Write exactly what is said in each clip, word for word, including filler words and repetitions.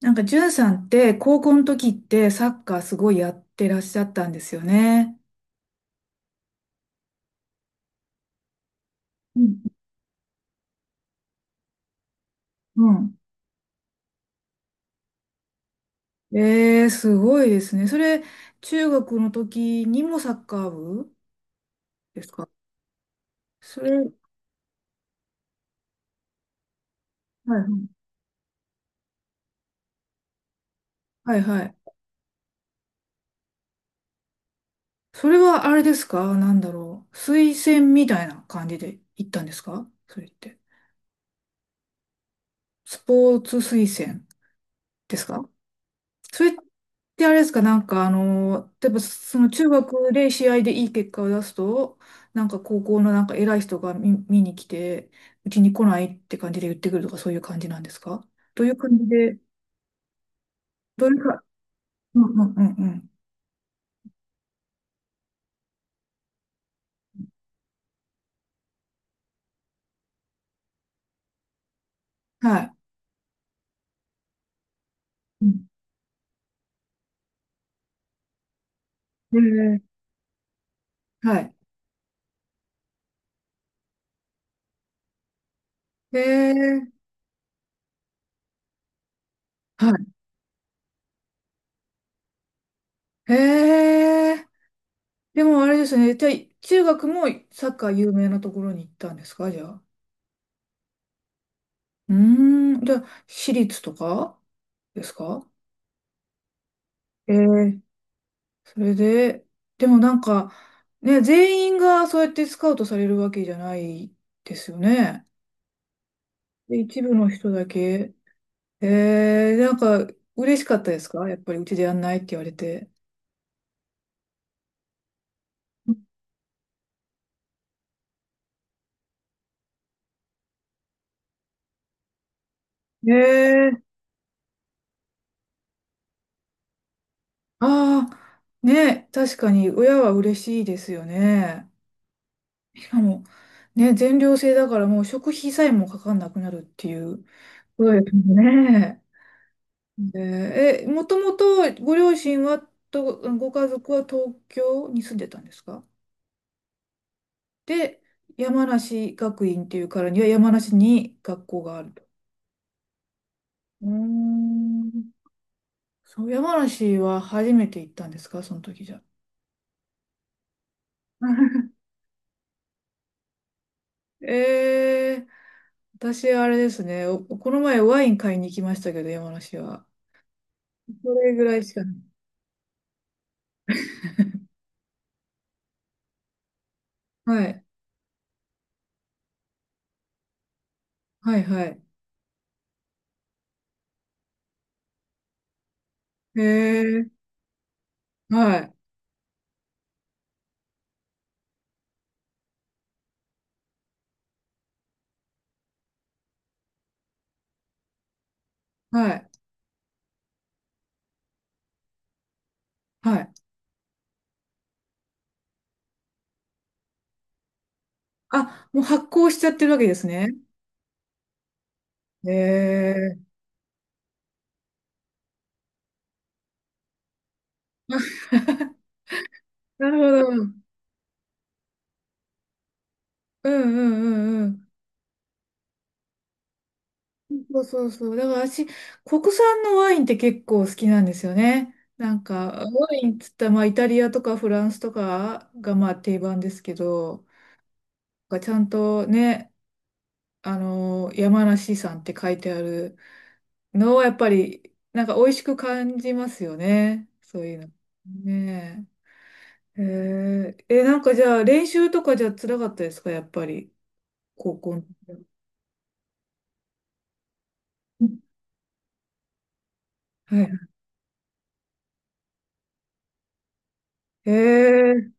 なんか、じゅんさんって、高校の時ってサッカーすごいやってらっしゃったんですよね。うん。うん。えー、すごいですね。それ、中学の時にもサッカー部ですか？それ、はい。はい。はい。はい。それはあれですか？なんだろう。推薦みたいな感じで行ったんですか、それって。スポーツ推薦ですか？それってあれですか、なんかあの、例えばその中学で試合でいい結果を出すと、なんか高校のなんか偉い人が見、見に来て、うちに来ないって感じで言ってくるとかそういう感じなんですか？どういう感じで、どういうか、うん。うん。うん。うん。はい。うん。へえ。はい。へえ。はい。へえ。でもあれですね、じゃあ中学もサッカー有名なところに行ったんですか、じゃあ。うーん、じゃあ私立とかですか？ええ。それで、でもなんか、ね、全員がそうやってスカウトされるわけじゃないですよね。で、一部の人だけ。えー、なんか、嬉しかったですか、やっぱりうちでやんないって言われて。えー、ああ、ね、確かに親は嬉しいですよね。しかも、ね、全寮制だからもう食費さえもかかんなくなるっていうことですもんね。えー、もともとご両親はと、ご家族は東京に住んでたんですか？で、山梨学院っていうからには山梨に学校があると。うーん。そう、山梨は初めて行ったんですか、その時じゃ。えー、私あれですね、おこの前ワイン買いに行きましたけど、山梨は。それぐらいしかない。はい、はい、はい。えー、はい、はい、はい。あ、もう発酵しちゃってるわけですね。ええ。なるほど。うん。うん。うん。うん。そうそうそう。だから私、国産のワインって結構好きなんですよね。なんか、ワインっつったら、まあ、イタリアとかフランスとかがまあ定番ですけど、なんかちゃんとね、あの、山梨産って書いてあるのはやっぱり、なんか美味しく感じますよね。そういうの。ねえ。へえ。え、なんかじゃあ練習とかじゃ辛かったですか、やっぱり、高校の時は。うん。はい。ええー。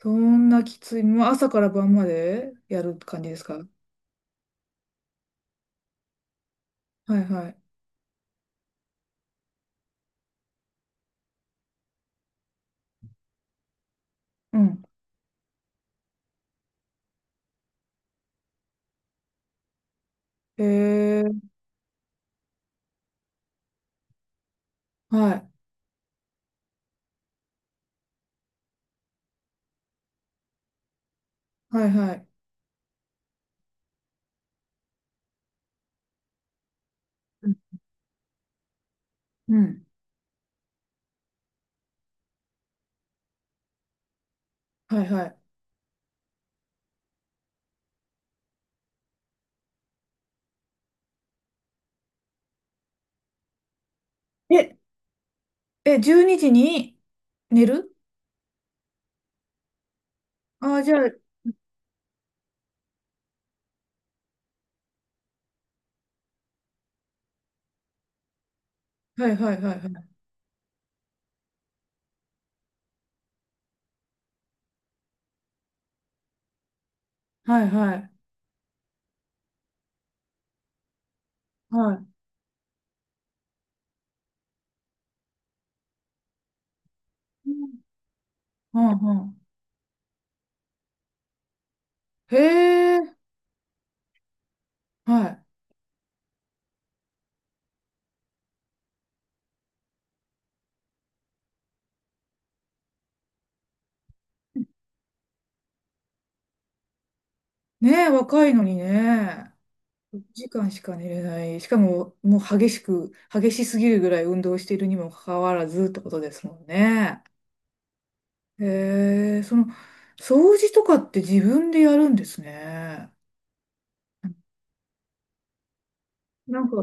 そんなきつい。もう朝から晩までやる感じですか？はい。はい。うん。ええー。はい。はい。はい。うん。うん。はい。はい。え、え、じゅうにじにじに寝る。ああー、じゃあ、はい。はい。はい。はい。はい。はい。はい。うん。うん。うん。へえ、はい。ねえ、若いのにね。いちじかんしか寝れない。しかも、もう激しく、激しすぎるぐらい運動しているにもかかわらずってことですもんね。へえ、その、掃除とかって自分でやるんですね。なんか、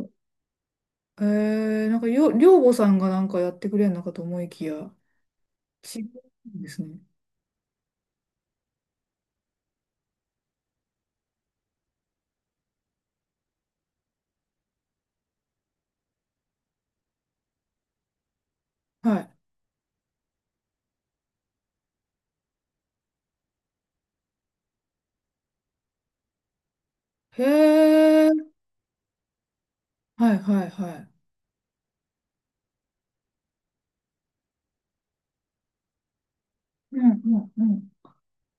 えー、なんかよ、寮母さんがなんかやってくれるのかと思いきや、違うんですね。はい。へえ、はい。はい。はい。うん。うん。うん。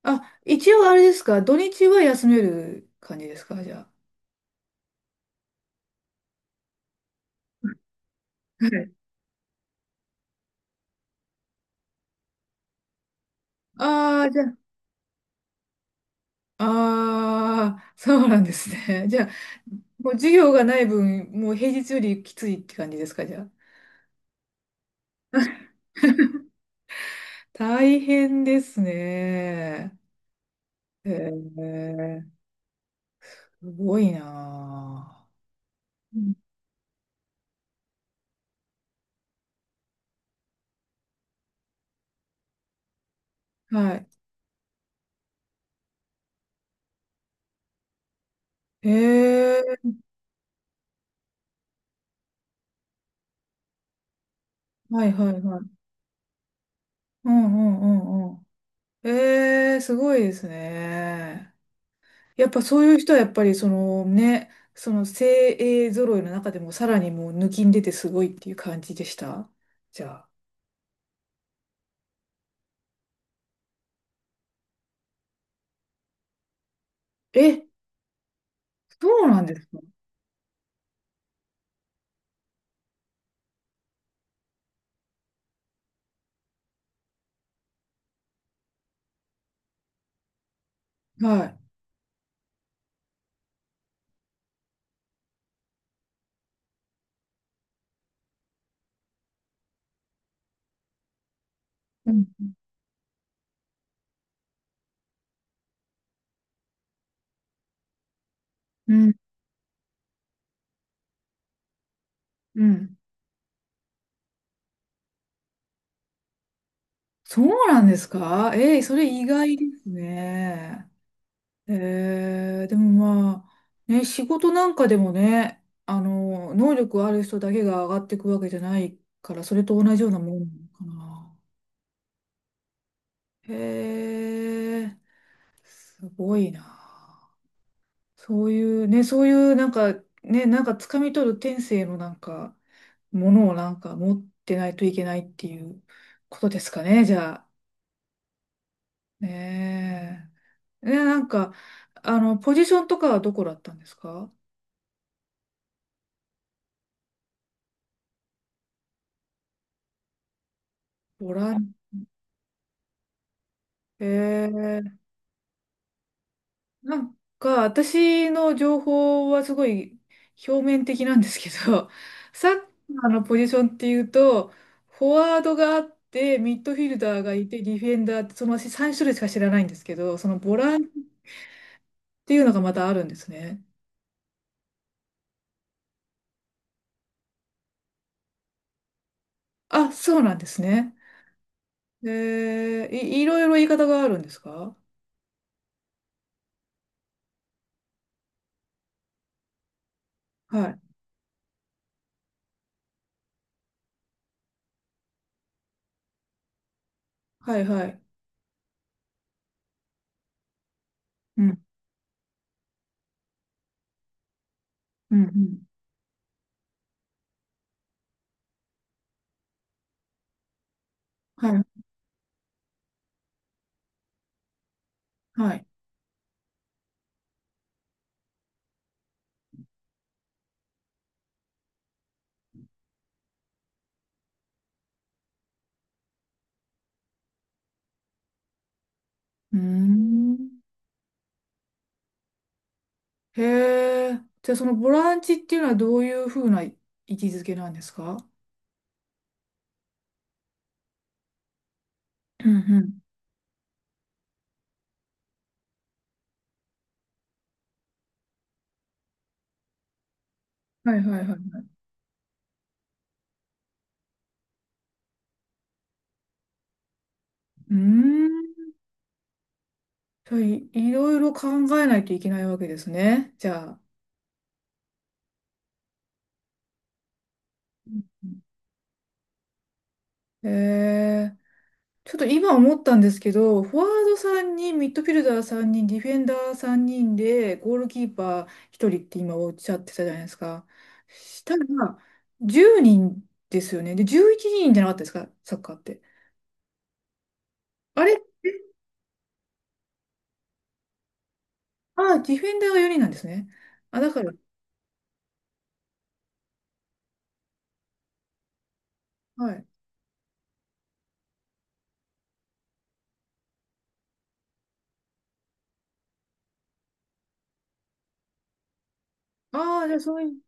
あ、一応あれですか、土日は休める感じですか、じゃあ。はい。ああ、じゃあ、ああ、そうなんですね。じゃあ、もう授業がない分、もう平日よりきついって感じですか、じゃあ。大変ですね。へえ、すごいなあ。うん。はい。ええ、はい。はい。はい。うん。うん。うん。うん。ええ、すごいですね。やっぱそういう人はやっぱりそのね、その精鋭揃いの中でもさらにもう抜きん出てすごいっていう感じでした。じゃあ。え、そうなんですか？はい。うん。うん。うん。そうなんですか？ええ、それ意外ですね。えー、でもまあ、ね、仕事なんかでもね、あの、能力ある人だけが上がっていくわけじゃないから、それと同じようなもんなのかな。へえ、すごいな。そういうね、そういうなんか、ね、なんか掴み取る天性のなんか、ものをなんか持ってないといけないっていうことですかね、じゃあ。ねえ。ね、なんか、あの、ポジションとかはどこだったんですか？ボラン、へえ。なんか、私の情報はすごい表面的なんですけど、サッカーのポジションっていうと、フォワードがあって、ミッドフィルダーがいて、ディフェンダーって、その私さん種類しか知らないんですけど、そのボランチっていうのがまたあるんですね。あ、そうなんですね。えー、い、いろいろ言い方があるんですか？はい。はい。はい。うん、うん、うん。はい、はい。うーん。へえ。じゃあそのボランチっていうのはどういうふうな位置づけなんですか？うん。うん。はい。はい。はい。はい。うーん。じゃあい、いろいろ考えないといけないわけですね。じゃあ。うん。えー、ちょっと今思ったんですけど、フォワードさんにん、ミッドフィルダーさんにん、ディフェンダーさんにんで、ゴールキーパーひとりって今おっしゃってたじゃないですか。したら、じゅうにんですよね。で、じゅういちにんじゃなかったですか、サッカーって。あれ、ああ、ディフェンダーがよにんなんですね。あ、だから、はい。ああ、じゃあそういう、